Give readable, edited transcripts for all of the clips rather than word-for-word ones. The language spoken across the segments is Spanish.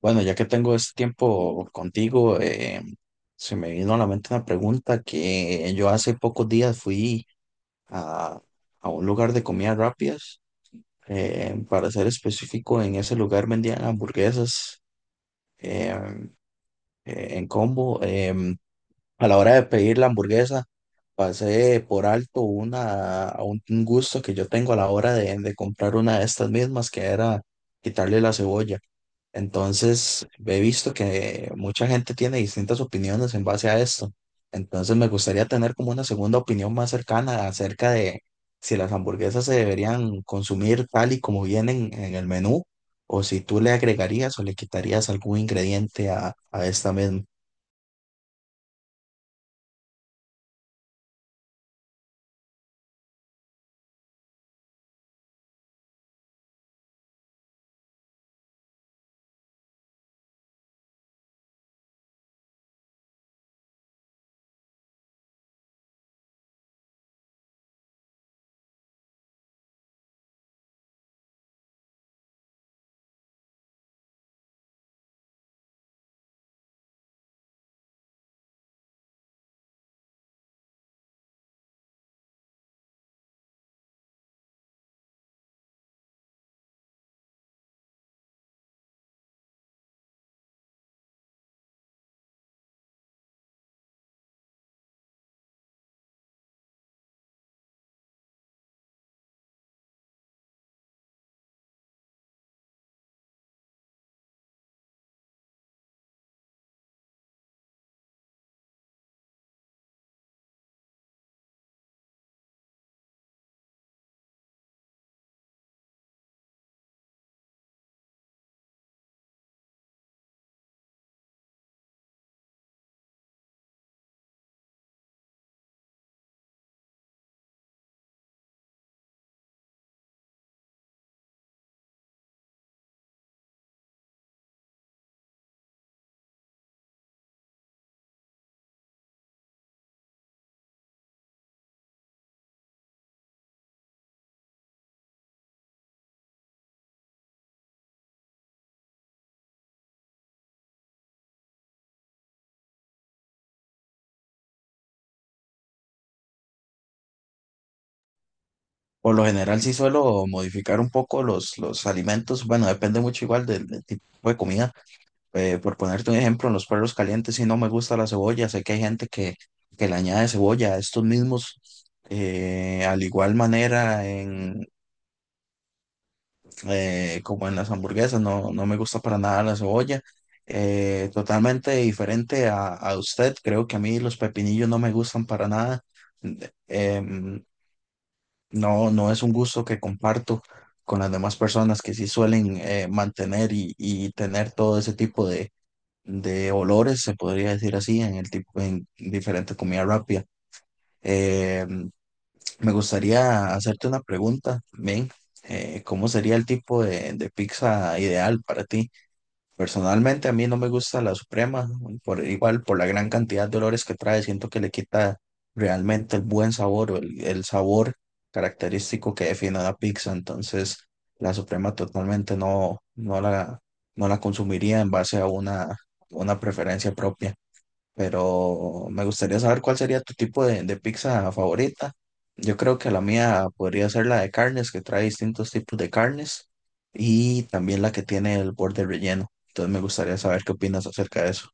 Bueno, ya que tengo este tiempo contigo, se me vino a la mente una pregunta que yo hace pocos días fui a, a un lugar de comidas rápidas. Para ser específico, en ese lugar vendían hamburguesas eh, en combo. A la hora de pedir la hamburguesa, pasé por alto un gusto que yo tengo a la hora de comprar una de estas mismas, que era quitarle la cebolla. Entonces, he visto que mucha gente tiene distintas opiniones en base a esto. Entonces, me gustaría tener como una segunda opinión más cercana acerca de si las hamburguesas se deberían consumir tal y como vienen en el menú, o si tú le agregarías o le quitarías algún ingrediente a esta misma. Por lo general, sí suelo modificar un poco los alimentos. Bueno, depende mucho igual del tipo de comida. Por ponerte un ejemplo, en los perros calientes, si no me gusta la cebolla, sé que hay gente que le añade cebolla a estos mismos, al igual manera en como en las hamburguesas, no, no me gusta para nada la cebolla. Totalmente diferente a usted, creo que a mí los pepinillos no me gustan para nada. De- Em, no, no es un gusto que comparto con las demás personas que sí suelen mantener y tener todo ese tipo de olores, se podría decir así, en el tipo, en diferentes comidas rápidas. Eh, Me gustaría hacerte una pregunta, Ben. ¿Cómo sería el tipo de pizza ideal para ti? Personalmente a mí no me gusta la Suprema, por, igual por la gran cantidad de olores que trae, siento que le quita realmente el buen sabor o el sabor característico que define una pizza, entonces la Suprema totalmente no la consumiría en base a una preferencia propia, pero me gustaría saber cuál sería tu tipo de pizza favorita. Yo creo que la mía podría ser la de carnes, que trae distintos tipos de carnes, y también la que tiene el borde relleno. Entonces me gustaría saber qué opinas acerca de eso.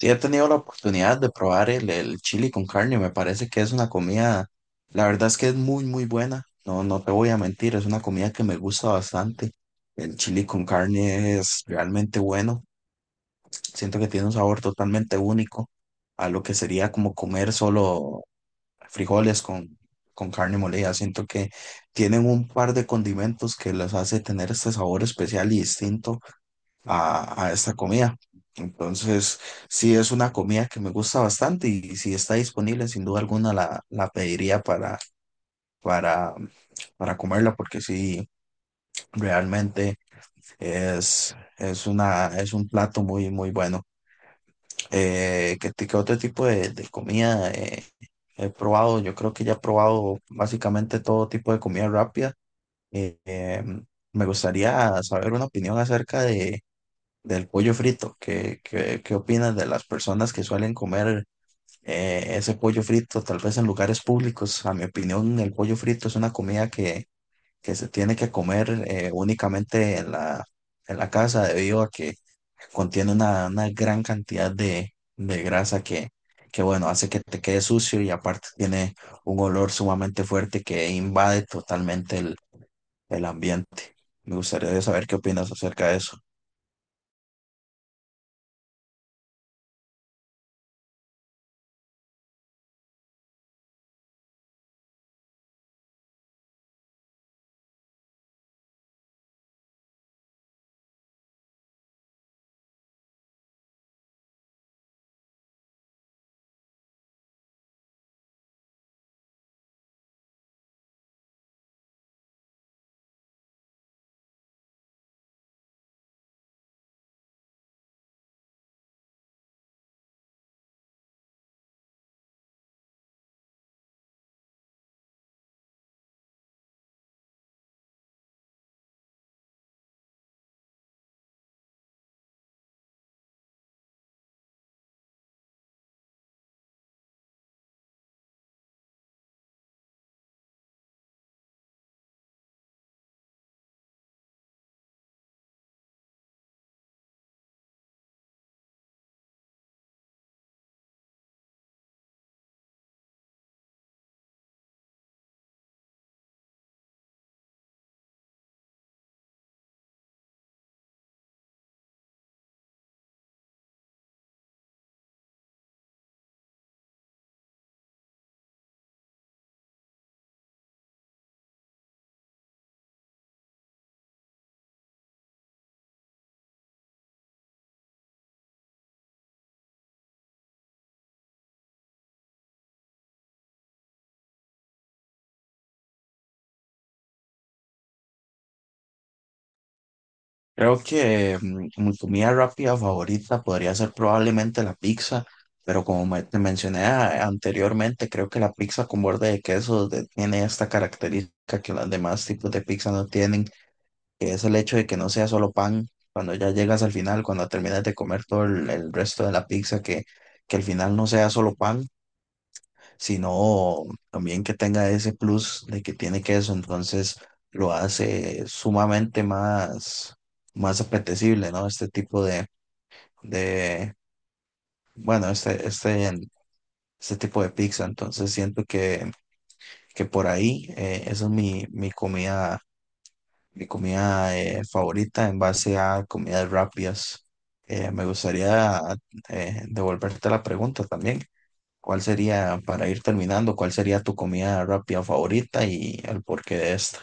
Sí, he tenido la oportunidad de probar el chili con carne, me parece que es una comida, la verdad es que es muy, muy buena. No, no te voy a mentir, es una comida que me gusta bastante. El chili con carne es realmente bueno. Siento que tiene un sabor totalmente único a lo que sería como comer solo frijoles con carne molida. Siento que tienen un par de condimentos que les hace tener este sabor especial y distinto a esta comida. Entonces, sí es una comida que me gusta bastante y si está disponible, sin duda alguna la pediría para, para comerla porque sí, realmente es una, es un plato muy, muy bueno. ¿ Qué otro tipo de comida he probado? Yo creo que ya he probado básicamente todo tipo de comida rápida. Eh, em, Me gustaría saber una opinión acerca de, del pollo frito. ¿ qué opinas de las personas que suelen comer ese pollo frito, tal vez en lugares públicos? A mi opinión, el pollo frito es una comida que se tiene que comer únicamente en en la casa, debido a que contiene una gran cantidad de grasa que, bueno, hace que te quede sucio y aparte tiene un olor sumamente fuerte que invade totalmente el ambiente. Me gustaría saber qué opinas acerca de eso. Creo que mi comida rápida favorita podría ser probablemente la pizza, pero como te mencioné anteriormente, creo que la pizza con borde de queso tiene esta característica que los demás tipos de pizza no tienen, que es el hecho de que no sea solo pan cuando ya llegas al final, cuando terminas de comer todo el resto de la pizza, que al final no sea solo pan, sino también que tenga ese plus de que tiene queso, entonces lo hace sumamente más, más apetecible, ¿no? Este tipo de bueno, este tipo de pizza, entonces siento que por ahí esa es mi, mi comida favorita en base a comidas rápidas. Me gustaría devolverte la pregunta también. ¿Cuál sería, para ir terminando, cuál sería tu comida rápida favorita y el porqué de esta?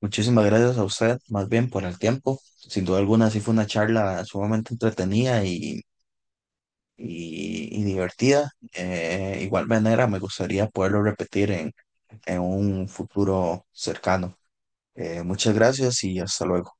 Muchísimas gracias a usted, más bien por el tiempo. Sin duda alguna, sí fue una charla sumamente entretenida y, y divertida. Igual manera, me gustaría poderlo repetir en un futuro cercano. Muchas gracias y hasta luego.